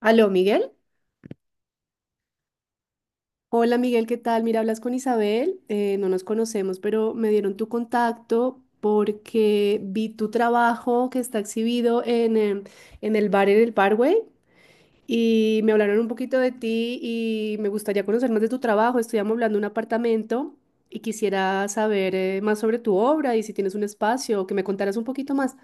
Aló, Miguel. Hola, Miguel, ¿qué tal? Mira, hablas con Isabel. No nos conocemos, pero me dieron tu contacto porque vi tu trabajo que está exhibido en el bar en el Parkway y me hablaron un poquito de ti y me gustaría conocer más de tu trabajo. Estoy amoblando un apartamento y quisiera saber más sobre tu obra y si tienes un espacio, que me contaras un poquito más.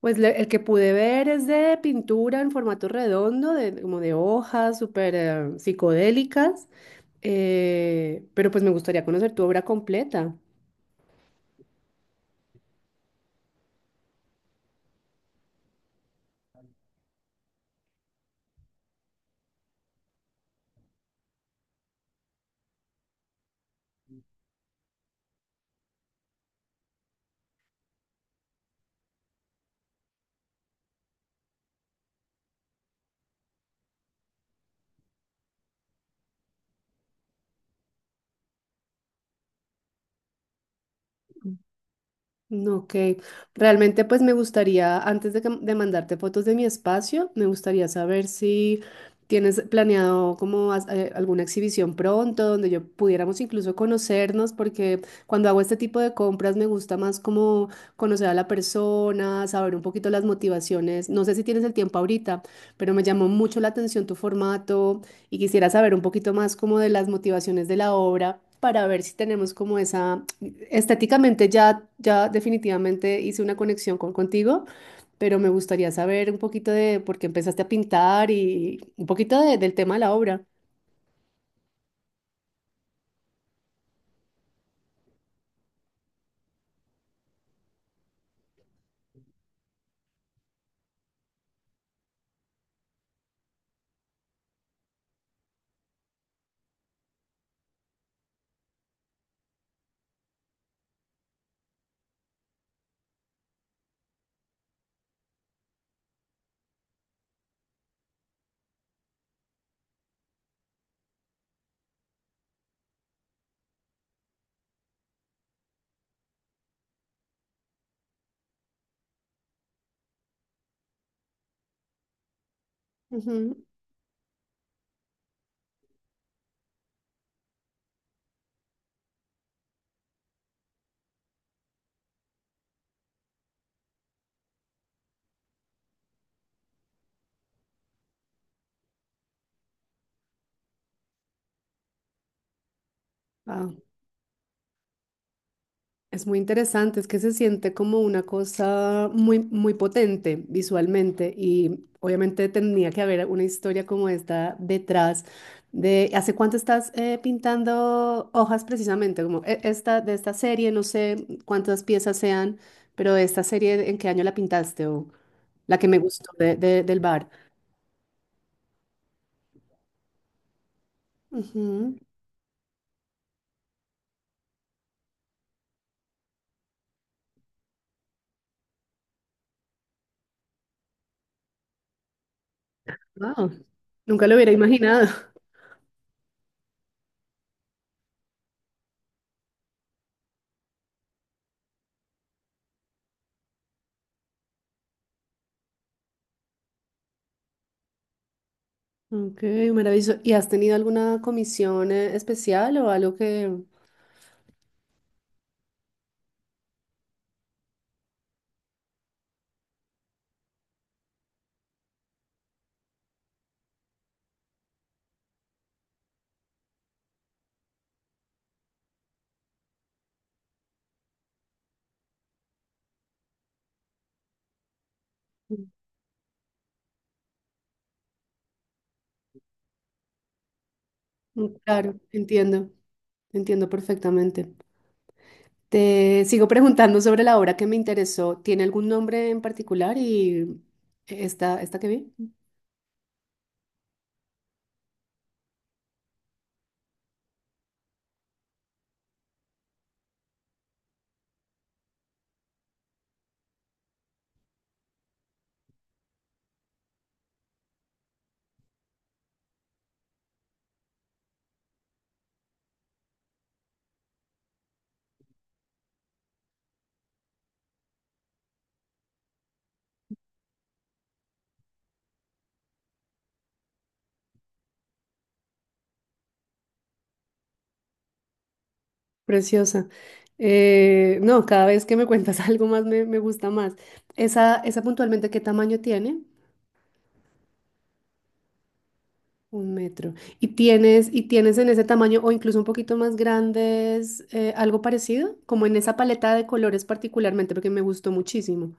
Pues el que pude ver es de pintura en formato redondo, de, como de hojas súper psicodélicas. Pero pues me gustaría conocer tu obra completa. Mm, ok, realmente pues me gustaría, antes de mandarte fotos de mi espacio, me gustaría saber si tienes planeado como alguna exhibición pronto donde yo pudiéramos incluso conocernos, porque cuando hago este tipo de compras me gusta más como conocer a la persona, saber un poquito las motivaciones. No sé si tienes el tiempo ahorita, pero me llamó mucho la atención tu formato. Y quisiera saber un poquito más como de las motivaciones de la obra para ver si tenemos como esa, estéticamente ya, ya definitivamente hice una conexión contigo, pero me gustaría saber un poquito de por qué empezaste a pintar y un poquito del tema de la obra. Ujú. Es muy interesante, es que se siente como una cosa muy, muy potente visualmente y obviamente tenía que haber una historia como esta detrás de ¿hace cuánto estás pintando hojas precisamente? Como esta, de esta serie, no sé cuántas piezas sean, pero esta serie, ¿en qué año la pintaste? O la que me gustó del bar. Ujú. Wow, nunca lo hubiera imaginado. Ok, maravilloso. ¿Y has tenido alguna comisión especial o algo que... Mm, claro, entiendo, entiendo perfectamente. Te sigo preguntando sobre la obra que me interesó. ¿Tiene algún nombre en particular y esta que vi? Preciosa. No, cada vez que me cuentas algo más me gusta más. Esa puntualmente, ¿qué tamaño tiene? 1 metro. ¿Y tienes en ese tamaño o incluso un poquito más grandes algo parecido? Como en esa paleta de colores particularmente, porque me gustó muchísimo.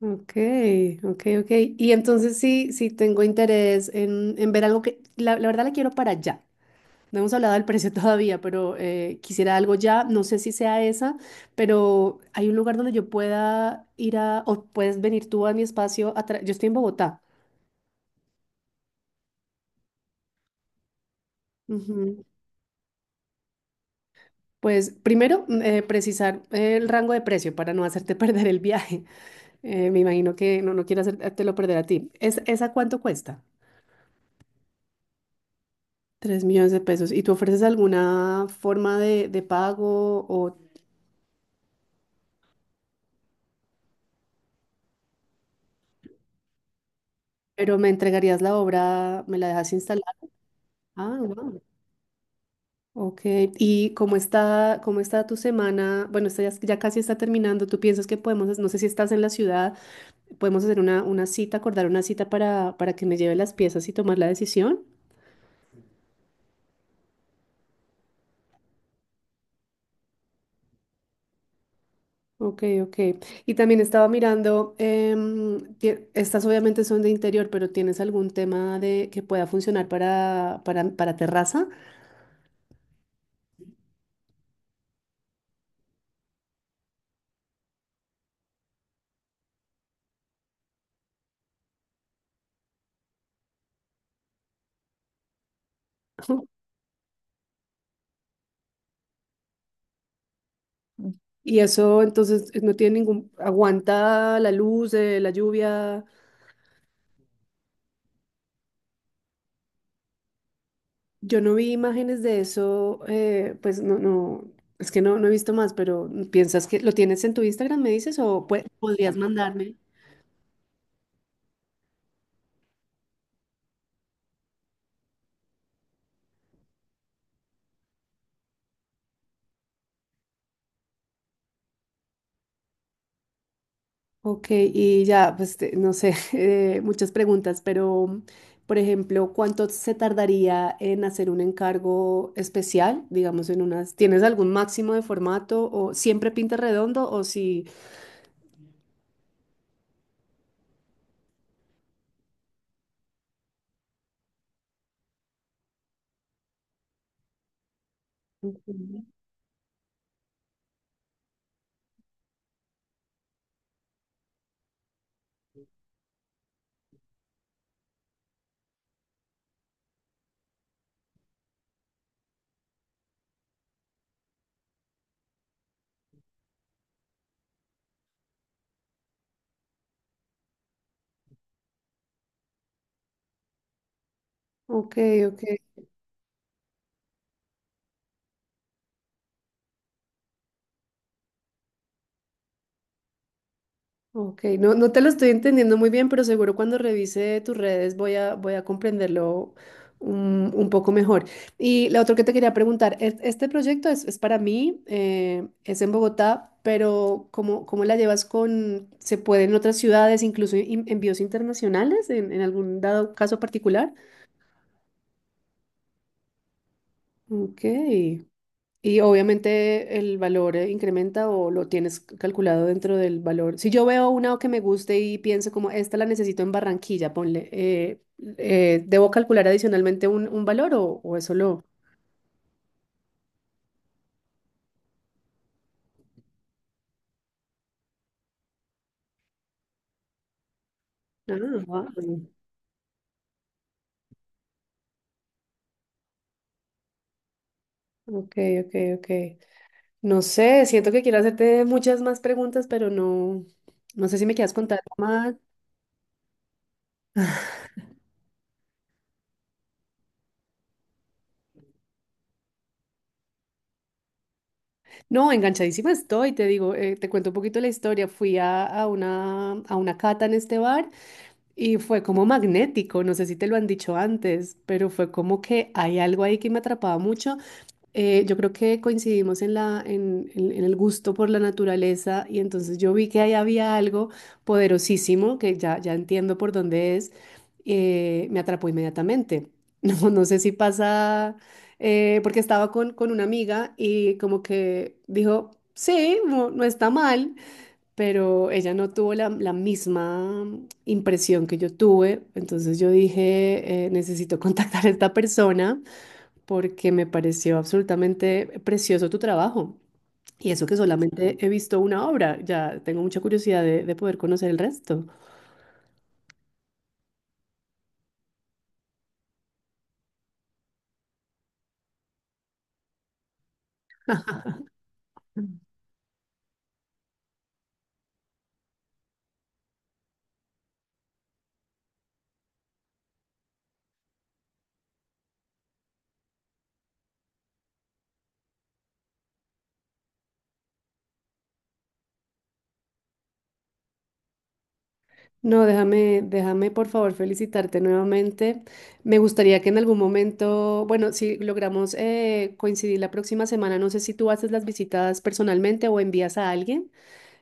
Ok, ok, ok. Y entonces sí tengo interés en ver algo que, la verdad la quiero para ya. No hemos hablado del precio todavía, pero quisiera algo ya. No sé si sea esa, pero hay un lugar donde yo pueda ir a, o puedes venir tú a mi espacio. Yo estoy en Bogotá. Ujú. Pues primero, precisar el rango de precio para no hacerte perder el viaje. Me imagino que no quiero hacértelo perder a ti. ¿Esa cuánto cuesta? 3 millones de pesos. ¿Y tú ofreces alguna forma de pago o, pero me entregarías la obra, me la dejas instalar? Ah, wow. Ok. ¿Y cómo está tu semana? Bueno, esta ya, ya casi está terminando. ¿Tú piensas que podemos, no sé si estás en la ciudad, podemos hacer una cita, acordar una cita para que me lleve las piezas y tomar la decisión? Ok, ok. Y también estaba mirando, estas obviamente son de interior, pero ¿tienes algún tema de que pueda funcionar para terraza? Y eso entonces no tiene aguanta la luz, la lluvia. Yo no vi imágenes de eso, pues no, no, es que no he visto más, pero ¿piensas que lo tienes en tu Instagram, me dices, o podrías mandarme? Ok, y ya, pues no sé, muchas preguntas, pero por ejemplo, ¿cuánto se tardaría en hacer un encargo especial? Digamos, en unas, ¿tienes algún máximo de formato o siempre pinta redondo o si... Ujú. Ok, ok. Ok, no, no te lo estoy entendiendo muy bien, pero seguro cuando revise tus redes voy a comprenderlo un poco mejor. Y lo otro que te quería preguntar, este proyecto es para mí, es en Bogotá, pero ¿cómo la llevas con, se puede en otras ciudades, incluso envíos internacionales, en algún dado caso particular? Ok. Y obviamente el valor incrementa o lo tienes calculado dentro del valor. Si yo veo una que me guste y pienso como esta la necesito en Barranquilla, ponle, ¿debo calcular adicionalmente un valor o eso lo... Ah, wow. Ok, ok, ok. No sé, siento que quiero hacerte muchas más preguntas, pero no, no sé si me quieras contar más. No, enganchadísima estoy, te digo, te cuento un poquito la historia. Fui a una cata en este bar. Y fue como magnético, no sé si te lo han dicho antes, pero fue como que hay algo ahí que me atrapaba mucho. Yo creo que coincidimos en el gusto por la naturaleza y entonces yo vi que ahí había algo poderosísimo, que ya, ya entiendo por dónde es, me atrapó inmediatamente. No, no sé si pasa, porque estaba con una amiga y como que dijo, sí, no está mal, pero ella no tuvo la misma impresión que yo tuve, entonces yo dije, necesito contactar a esta persona porque me pareció absolutamente precioso tu trabajo. Y eso que solamente he visto una obra, ya tengo mucha curiosidad de poder conocer el resto. No, déjame, déjame por favor felicitarte nuevamente. Me gustaría que en algún momento, bueno, si logramos coincidir la próxima semana, no sé si tú haces las visitas personalmente o envías a alguien.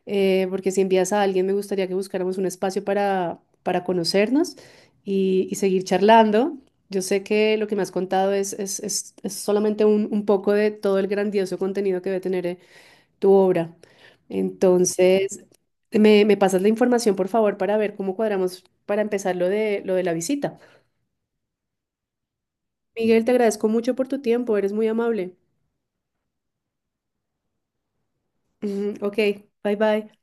Porque si envías a alguien me gustaría que buscáramos un espacio para conocernos y seguir charlando. Yo sé que lo que me has contado es solamente un poco de todo el grandioso contenido que debe tener tu obra. Entonces, me pasas la información, por favor, para ver cómo cuadramos para empezar lo de la visita. Miguel, te agradezco mucho por tu tiempo, eres muy amable. Ujú. Ok. Bye bye.